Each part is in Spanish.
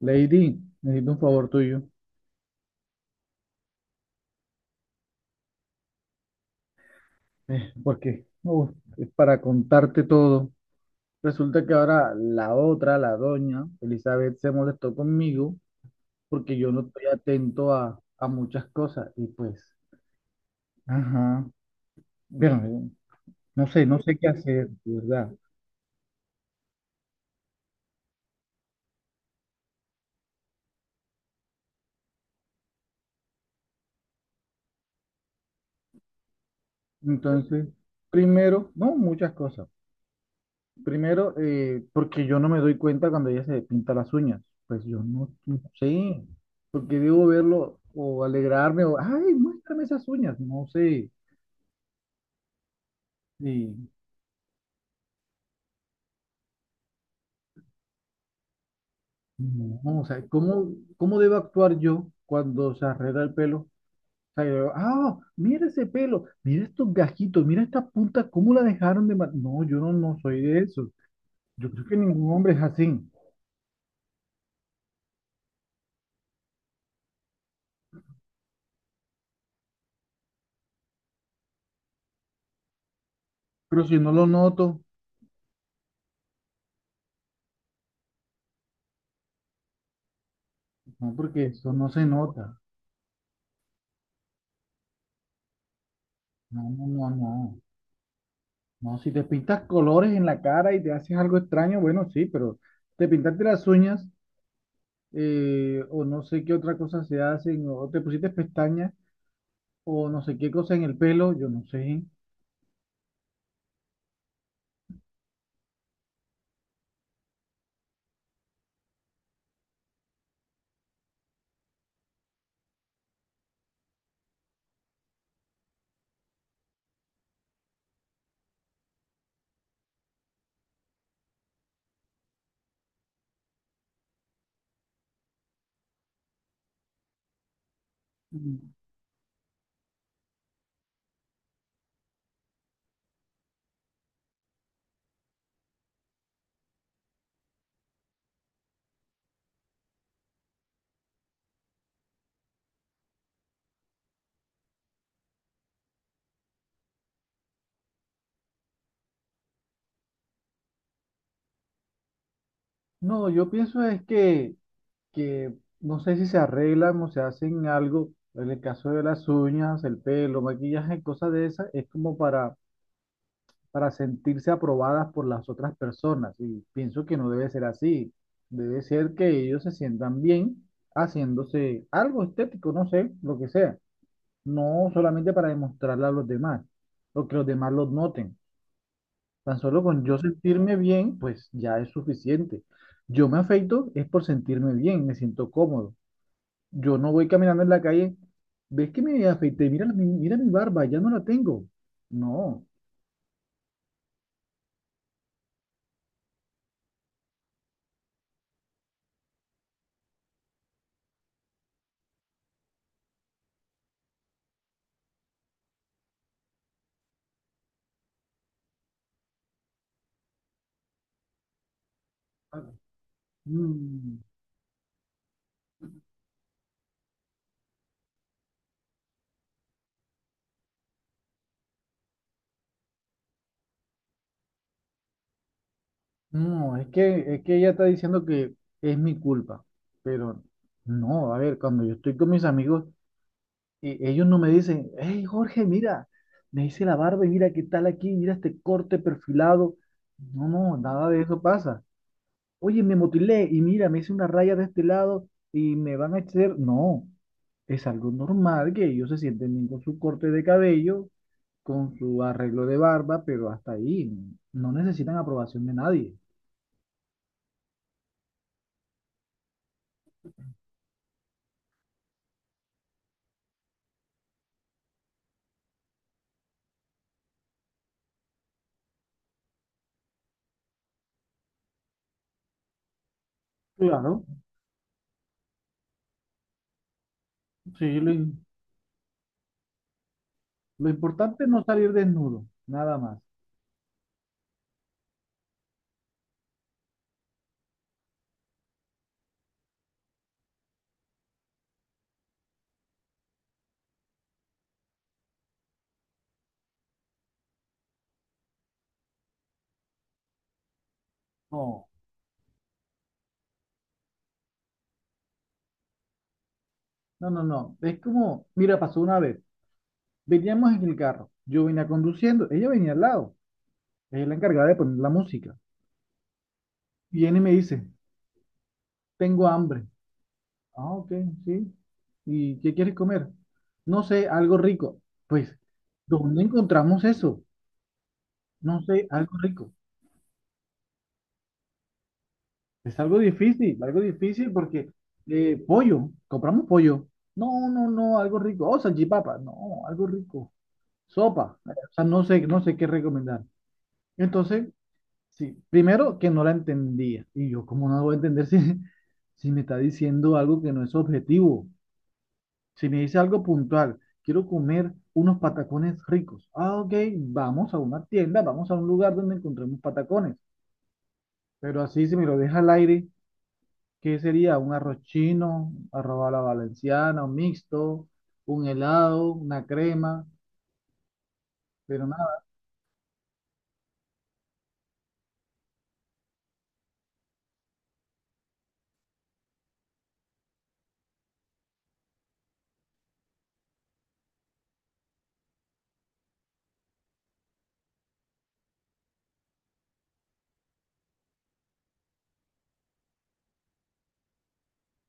Lady, necesito un favor tuyo, porque uf, es para contarte todo. Resulta que ahora la otra, la doña Elizabeth, se molestó conmigo porque yo no estoy atento a muchas cosas y pues, ajá, pero no sé qué hacer, de ¿verdad? Entonces, primero, no, muchas cosas. Primero, porque yo no me doy cuenta cuando ella se pinta las uñas. Pues yo no, no sé, porque debo verlo o alegrarme o, ay, muéstrame esas uñas. No sé. Y no, o sea, ¿cómo debo actuar yo cuando se arregla el pelo? O sea, yo digo, ah, mira ese pelo, mira estos gajitos, mira esta punta, ¿cómo la dejaron de... No, yo no, no soy de eso. Yo creo que ningún hombre es así. Pero si no lo noto, no, porque eso no se nota. No, no, no, no. No, si te pintas colores en la cara y te haces algo extraño, bueno, sí, pero te pintaste las uñas, o no sé qué otra cosa se hacen, o te pusiste pestañas o no sé qué cosa en el pelo, yo no sé. Mm. No, yo pienso es que no sé si se arreglan o se hacen algo, en el caso de las uñas, el pelo, maquillaje, cosas de esas, es como para sentirse aprobadas por las otras personas. Y pienso que no debe ser así. Debe ser que ellos se sientan bien haciéndose algo estético, no sé, lo que sea. No solamente para demostrarle a los demás, o que los demás los noten. Tan solo con yo sentirme bien, pues ya es suficiente. Yo me afeito es por sentirme bien, me siento cómodo. Yo no voy caminando en la calle, ves que me afeité, mira, mira mi barba, ya no la tengo. No. Mm. No, es que ella está diciendo que es mi culpa, pero no, a ver, cuando yo estoy con mis amigos, ellos no me dicen, hey, Jorge, mira, me hice la barba y mira qué tal aquí, mira este corte perfilado. No, no, nada de eso pasa. Oye, me motilé y mira, me hice una raya de este lado y me van a hacer. No, es algo normal que ellos se sienten bien con su corte de cabello, con su arreglo de barba, pero hasta ahí, no necesitan aprobación de nadie. Claro. Sí, lo importante es no salir desnudo, nada más. No, no, no, no. Es como, mira, pasó una vez. Veníamos en el carro. Yo venía conduciendo, ella venía al lado. Ella es la encargada de poner la música. Viene y me dice, tengo hambre. Ah, ok, sí. ¿Y qué quieres comer? No sé, algo rico. Pues, ¿dónde encontramos eso? No sé, algo rico. Es algo difícil porque pollo, compramos pollo. No, no, no, algo rico. Oh, salchipapa. No, algo rico. Sopa. O sea, no sé, no sé qué recomendar. Entonces, sí, primero que no la entendía. Y yo, ¿cómo no la voy a entender si, si me está diciendo algo que no es objetivo? Si me dice algo puntual, quiero comer unos patacones ricos. Ah, ok, vamos a una tienda, vamos a un lugar donde encontremos patacones. Pero así, si me lo deja al aire, ¿qué sería? Un arroz chino, arroz a la valenciana, un mixto, un helado, una crema. Pero nada.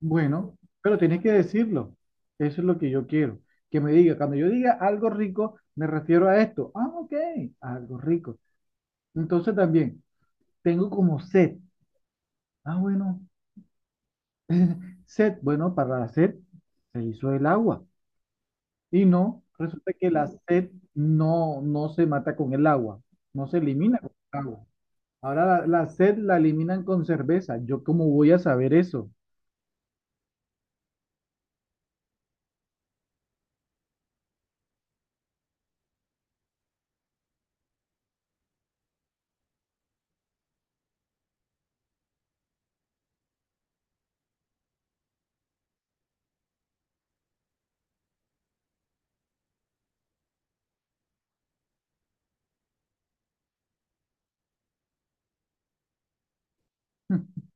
Bueno, pero tienes que decirlo. Eso es lo que yo quiero. Que me diga, cuando yo diga algo rico, me refiero a esto. Ah, ok, algo rico. Entonces también, tengo como sed. Ah, bueno, sed. Bueno, para la sed se hizo el agua. Y no, resulta que la sed no, no se mata con el agua, no se elimina con el agua. Ahora la sed la eliminan con cerveza. ¿Yo cómo voy a saber eso?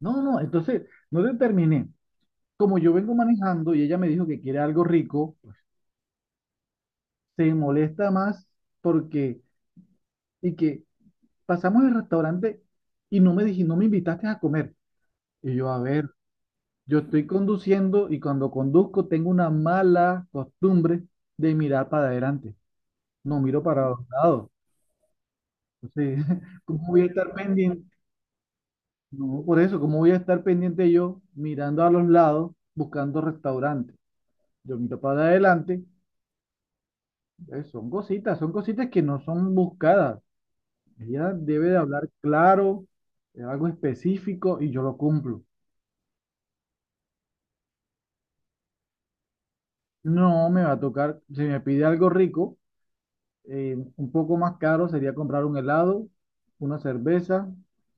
No, no, entonces no te terminé. Como yo vengo manejando y ella me dijo que quiere algo rico, se molesta más porque, y que pasamos el restaurante y no me dije, no me invitaste a comer. Y yo, a ver, yo estoy conduciendo y cuando conduzco tengo una mala costumbre de mirar para adelante. No miro para los lados. Entonces, ¿cómo voy a estar pendiente? No, por eso, ¿cómo voy a estar pendiente yo mirando a los lados, buscando restaurantes? Yo miro para adelante. Son cositas que no son buscadas. Ella debe de hablar claro, algo específico y yo lo cumplo. No me va a tocar, si me pide algo rico, un poco más caro sería comprar un helado, una cerveza,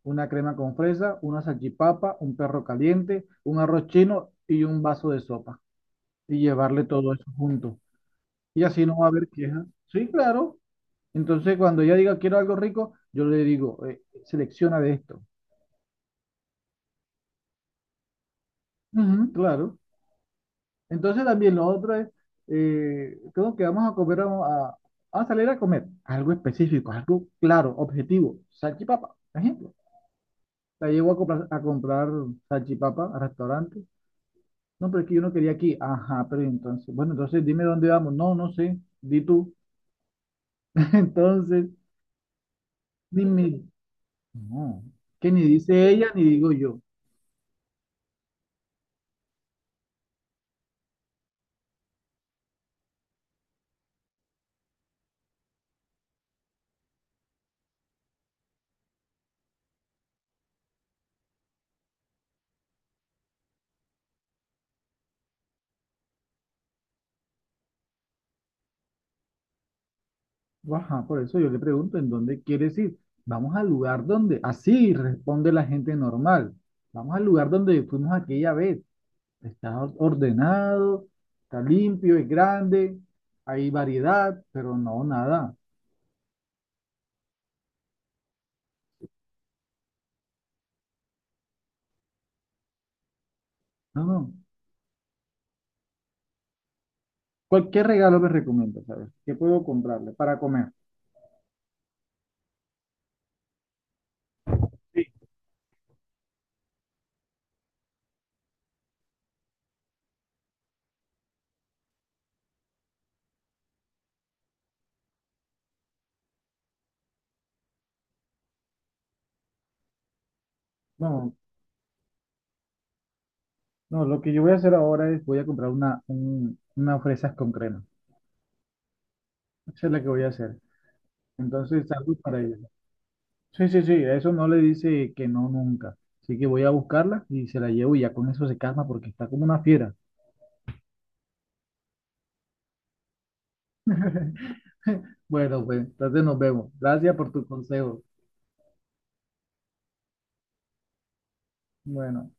una crema con fresa, una salchipapa, un perro caliente, un arroz chino y un vaso de sopa. Y llevarle todo eso junto. Y así no va a haber quejas. Sí, claro. Entonces, cuando ella diga quiero algo rico, yo le digo, selecciona de esto. Ujú, claro. Entonces también lo otro es, creo que vamos a comer, a salir a comer algo específico, algo claro, objetivo, salchipapa, por ejemplo. La llevo a a comprar salchipapa a restaurante. No, pero es que yo no quería aquí. Ajá, pero entonces, bueno, entonces dime dónde vamos. No, no sé, di tú. Entonces, dime, no, que ni dice ella ni digo yo. Ajá, por eso yo le pregunto, ¿en dónde quieres ir? Vamos al lugar donde, así responde la gente normal. Vamos al lugar donde fuimos aquella vez. Está ordenado, está limpio, es grande, hay variedad, pero no, nada. No, no. Cualquier regalo me recomienda, ¿sabes? ¿Qué puedo comprarle para comer? Sí. No, no, lo que yo voy a hacer ahora es voy a comprar una, unas fresas con crema. Eso es lo que voy a hacer. Entonces, salud para ella. Sí, sí, sí, a eso no le dice que no nunca. Así que voy a buscarla y se la llevo y ya con eso se calma porque está como una fiera. Bueno, pues entonces nos vemos. Gracias por tu consejo. Bueno.